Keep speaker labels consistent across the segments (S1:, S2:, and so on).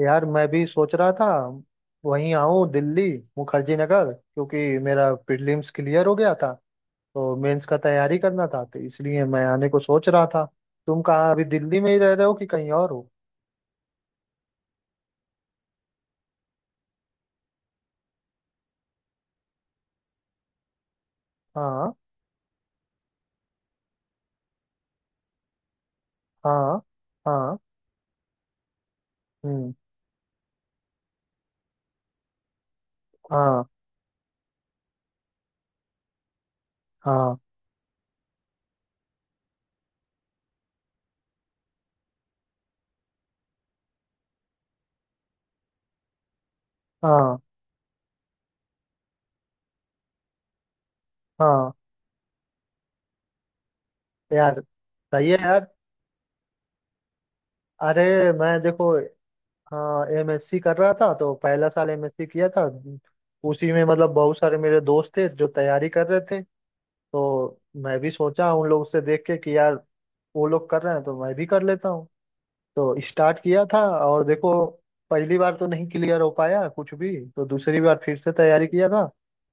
S1: यार मैं भी सोच रहा था वहीं आऊँ दिल्ली मुखर्जी नगर, क्योंकि मेरा प्रीलिम्स क्लियर हो गया था तो मेंस का तैयारी करना था, तो इसलिए मैं आने को सोच रहा था। तुम कहाँ अभी दिल्ली में ही रह रहे हो कि कहीं और हो? हाँ। हाँ, हाँ। हम्म। हाँ, हाँ, हाँ। हाँ, यार सही है यार। अरे, मैं देखो, हाँ एमएससी कर रहा था तो पहला साल एमएससी किया था। उसी में मतलब बहुत सारे मेरे दोस्त थे जो तैयारी कर रहे थे, तो मैं भी सोचा उन लोग से देख के कि यार वो लोग कर रहे हैं तो मैं भी कर लेता हूँ, तो स्टार्ट किया था। और देखो, पहली बार तो नहीं क्लियर हो पाया कुछ भी, तो दूसरी बार फिर से तैयारी किया था,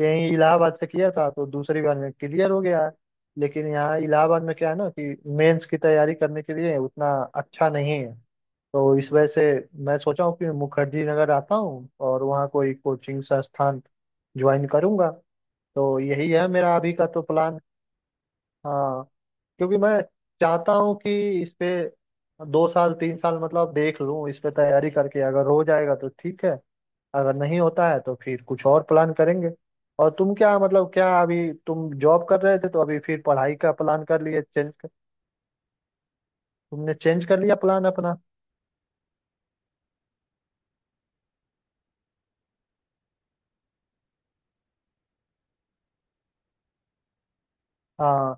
S1: यहीं इलाहाबाद से किया था, तो दूसरी बार में क्लियर हो गया। लेकिन यहाँ इलाहाबाद में क्या है ना कि मेंस की तैयारी करने के लिए उतना अच्छा नहीं है, तो इस वजह से मैं सोचा हूँ कि मुखर्जी नगर आता हूँ और वहाँ कोई कोचिंग संस्थान ज्वाइन करूँगा। तो यही है मेरा अभी का तो प्लान। हाँ। क्योंकि मैं चाहता हूँ कि इस पे 2 साल 3 साल मतलब देख लूँ, इस पे तैयारी करके अगर हो जाएगा तो ठीक है, अगर नहीं होता है तो फिर कुछ और प्लान करेंगे। और तुम क्या मतलब क्या अभी तुम जॉब कर रहे थे तो अभी फिर पढ़ाई का प्लान कर लिए तुमने चेंज कर लिया प्लान अपना? हाँ,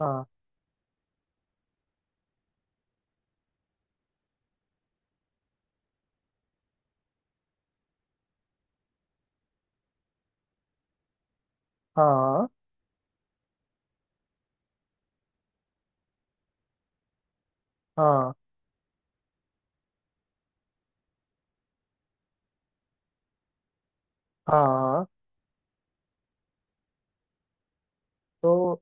S1: हाँ, हाँ, हाँ, हाँ। तो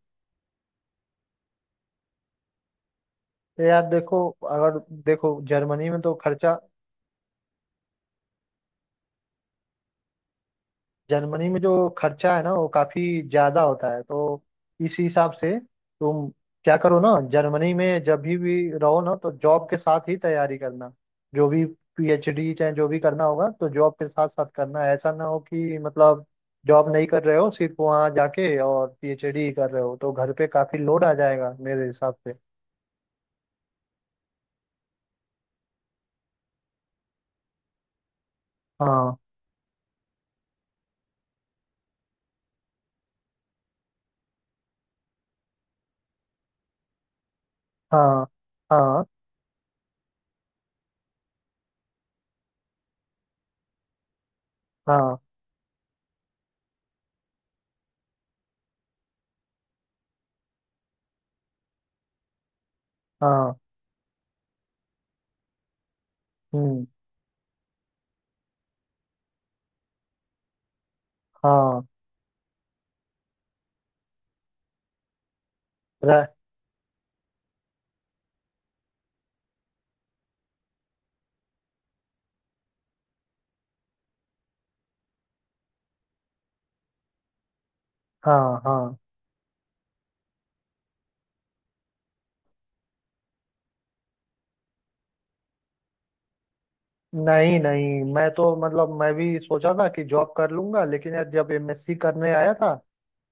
S1: यार देखो, अगर देखो जर्मनी में तो खर्चा, जर्मनी में जो खर्चा है ना वो काफी ज्यादा होता है, तो इस हिसाब से तुम क्या करो ना जर्मनी में जब भी रहो ना तो जॉब के साथ ही तैयारी करना। जो भी पीएचडी चाहे जो भी करना होगा तो जॉब के साथ साथ करना है, ऐसा ना हो कि मतलब जॉब नहीं कर रहे हो सिर्फ वहाँ जाके और पीएचडी ही कर रहे हो तो घर पे काफी लोड आ जाएगा मेरे हिसाब से। हाँ, हाँ, हाँ, हाँ, हाँ। हम्म। हाँ। रह- हाँ, हाँ। नहीं, नहीं, मैं तो मतलब मैं भी सोचा था कि जॉब कर लूंगा, लेकिन यार जब एमएससी करने आया था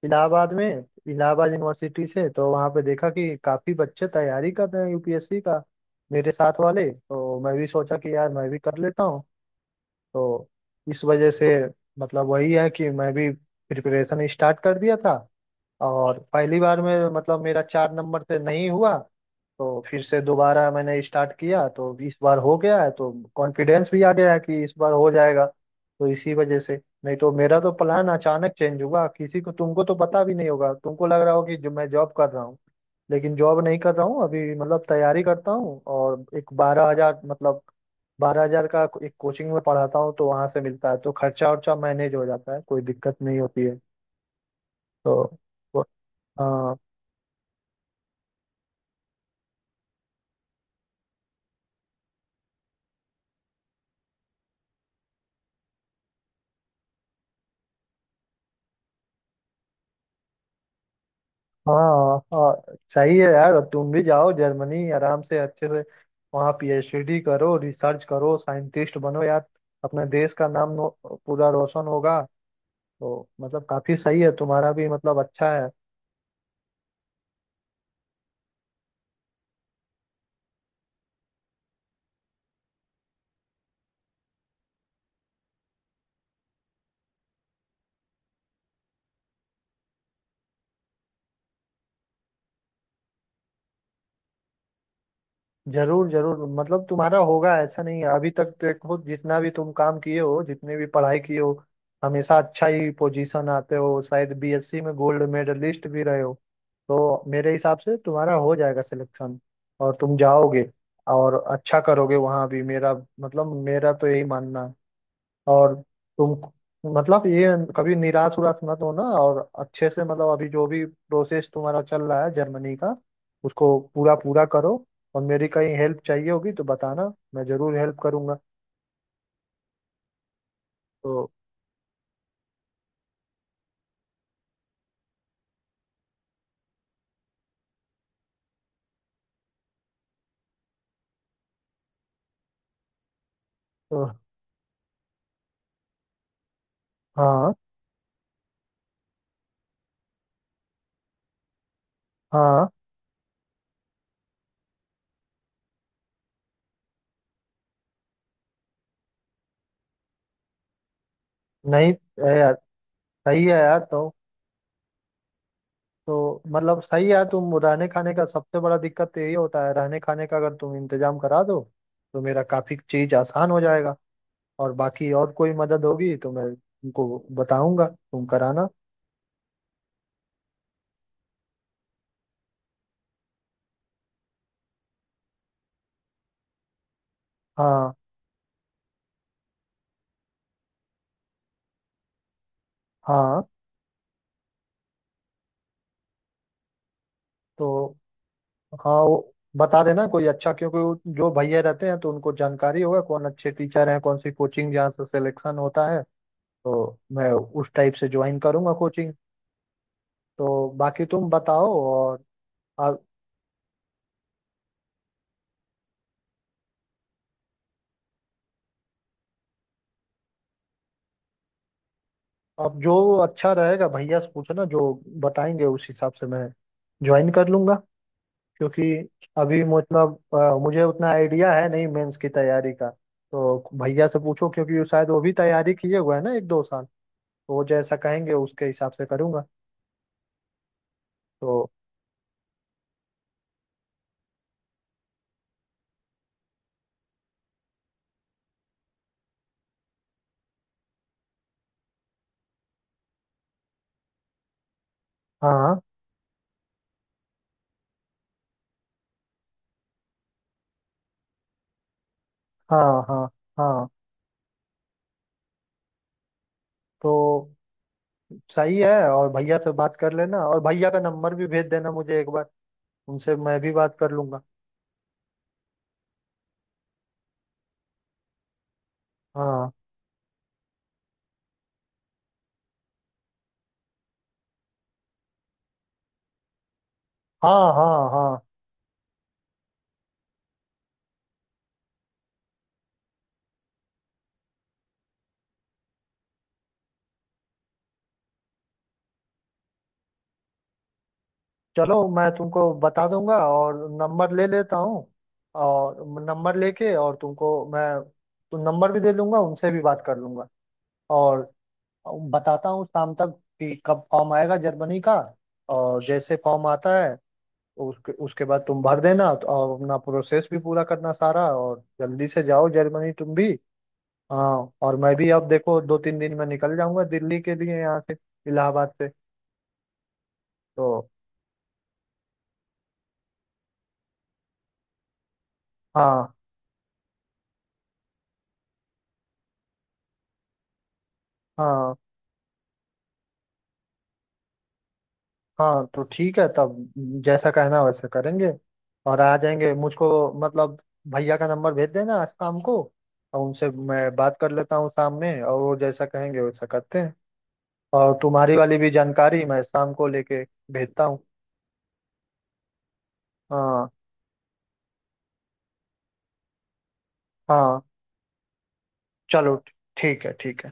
S1: इलाहाबाद में, इलाहाबाद यूनिवर्सिटी से, तो वहाँ पे देखा कि काफी बच्चे तैयारी कर रहे हैं यूपीएससी का, मेरे साथ वाले, तो मैं भी सोचा कि यार मैं भी कर लेता हूँ। तो इस वजह से मतलब वही है कि मैं भी प्रिपरेशन स्टार्ट कर दिया था। और पहली बार में मतलब मेरा 4 नंबर से नहीं हुआ, तो फिर से दोबारा मैंने स्टार्ट किया, तो इस बार हो गया है, तो कॉन्फिडेंस भी आ गया है कि इस बार हो जाएगा। तो इसी वजह से, नहीं तो मेरा तो प्लान अचानक चेंज हुआ, किसी को तुमको तो पता भी नहीं होगा, तुमको लग रहा हो कि जो मैं जॉब कर रहा हूँ, लेकिन जॉब नहीं कर रहा हूँ अभी, मतलब तैयारी करता हूँ और एक 12,000 मतलब 12,000 का एक कोचिंग में पढ़ाता हूँ, तो वहां से मिलता है, तो खर्चा वर्चा मैनेज हो जाता है, कोई दिक्कत नहीं होती है। तो वो- हाँ, हाँ, हाँ, सही है यार, अब तुम भी जाओ जर्मनी आराम से अच्छे से, वहाँ पीएचडी करो रिसर्च करो साइंटिस्ट बनो यार, अपने देश का नाम पूरा रोशन होगा। तो मतलब काफी सही है तुम्हारा भी, मतलब अच्छा है। जरूर, जरूर, मतलब तुम्हारा होगा, ऐसा नहीं है, अभी तक देखो जितना भी तुम काम किए हो जितने भी पढ़ाई किए हो हमेशा अच्छा ही पोजीशन आते हो, शायद बीएससी में गोल्ड मेडलिस्ट भी रहे हो। तो मेरे हिसाब से तुम्हारा हो जाएगा सिलेक्शन, और तुम जाओगे और अच्छा करोगे वहां भी, मेरा मतलब, मेरा तो यही मानना है। और तुम मतलब ये कभी निराश उराश मत होना, और अच्छे से मतलब अभी जो भी प्रोसेस तुम्हारा चल रहा है जर्मनी का, उसको पूरा पूरा करो, और मेरी कहीं हेल्प चाहिए होगी तो बताना, मैं जरूर हेल्प करूंगा। तो, तो, हाँ, हाँ, नहीं है यार, सही है यार। तो मतलब सही है यार, तुम रहने खाने का सबसे बड़ा दिक्कत यही होता है, रहने खाने का अगर तुम इंतजाम करा दो तो मेरा काफी चीज आसान हो जाएगा, और बाकी और कोई मदद होगी तो मैं तुमको बताऊंगा, तुम कराना। हाँ, हाँ। तो हाँ, वो बता देना कोई अच्छा, क्योंकि वो जो भैया रहते हैं तो उनको जानकारी होगा कौन अच्छे टीचर हैं कौन सी कोचिंग जहाँ से सिलेक्शन होता है, तो मैं उस टाइप से ज्वाइन करूंगा कोचिंग। तो बाकी तुम बताओ और। अब अब जो अच्छा रहेगा भैया से पूछना, जो बताएंगे उस हिसाब से मैं ज्वाइन कर लूंगा, क्योंकि अभी मतलब मुझे उतना आइडिया है नहीं मेंस की तैयारी का, तो भैया से पूछो क्योंकि शायद वो भी तैयारी किए हुआ है ना 1-2 साल, तो वो जैसा कहेंगे उसके हिसाब से करूँगा। तो, हाँ, हाँ, हाँ, हाँ, तो सही है, और भैया से बात कर लेना और भैया का नंबर भी भेज देना मुझे एक बार, उनसे मैं भी बात कर लूंगा। हाँ, हाँ, हाँ, हाँ, चलो मैं तुमको बता दूंगा, और नंबर ले लेता हूँ और नंबर लेके और तुमको मैं तो नंबर भी दे दूंगा, उनसे भी बात कर लूंगा और बताता हूँ शाम तक कि कब फॉर्म आएगा जर्मनी का, और जैसे फॉर्म आता है उसके उसके बाद तुम भर देना, और अपना प्रोसेस भी पूरा करना सारा, और जल्दी से जाओ जर्मनी तुम भी। हाँ, और मैं भी अब देखो 2-3 दिन में निकल जाऊंगा दिल्ली के लिए यहाँ से, इलाहाबाद से। तो, हाँ, हाँ, हाँ। तो ठीक है तब, जैसा कहना वैसा करेंगे और आ जाएंगे मुझको, मतलब भैया का नंबर भेज देना आज शाम को, और उनसे मैं बात कर लेता हूँ शाम में, और वो जैसा कहेंगे वैसा करते हैं, और तुम्हारी वाली भी जानकारी मैं शाम को लेके भेजता हूँ। हाँ, हाँ, चलो ठीक है, ठीक है।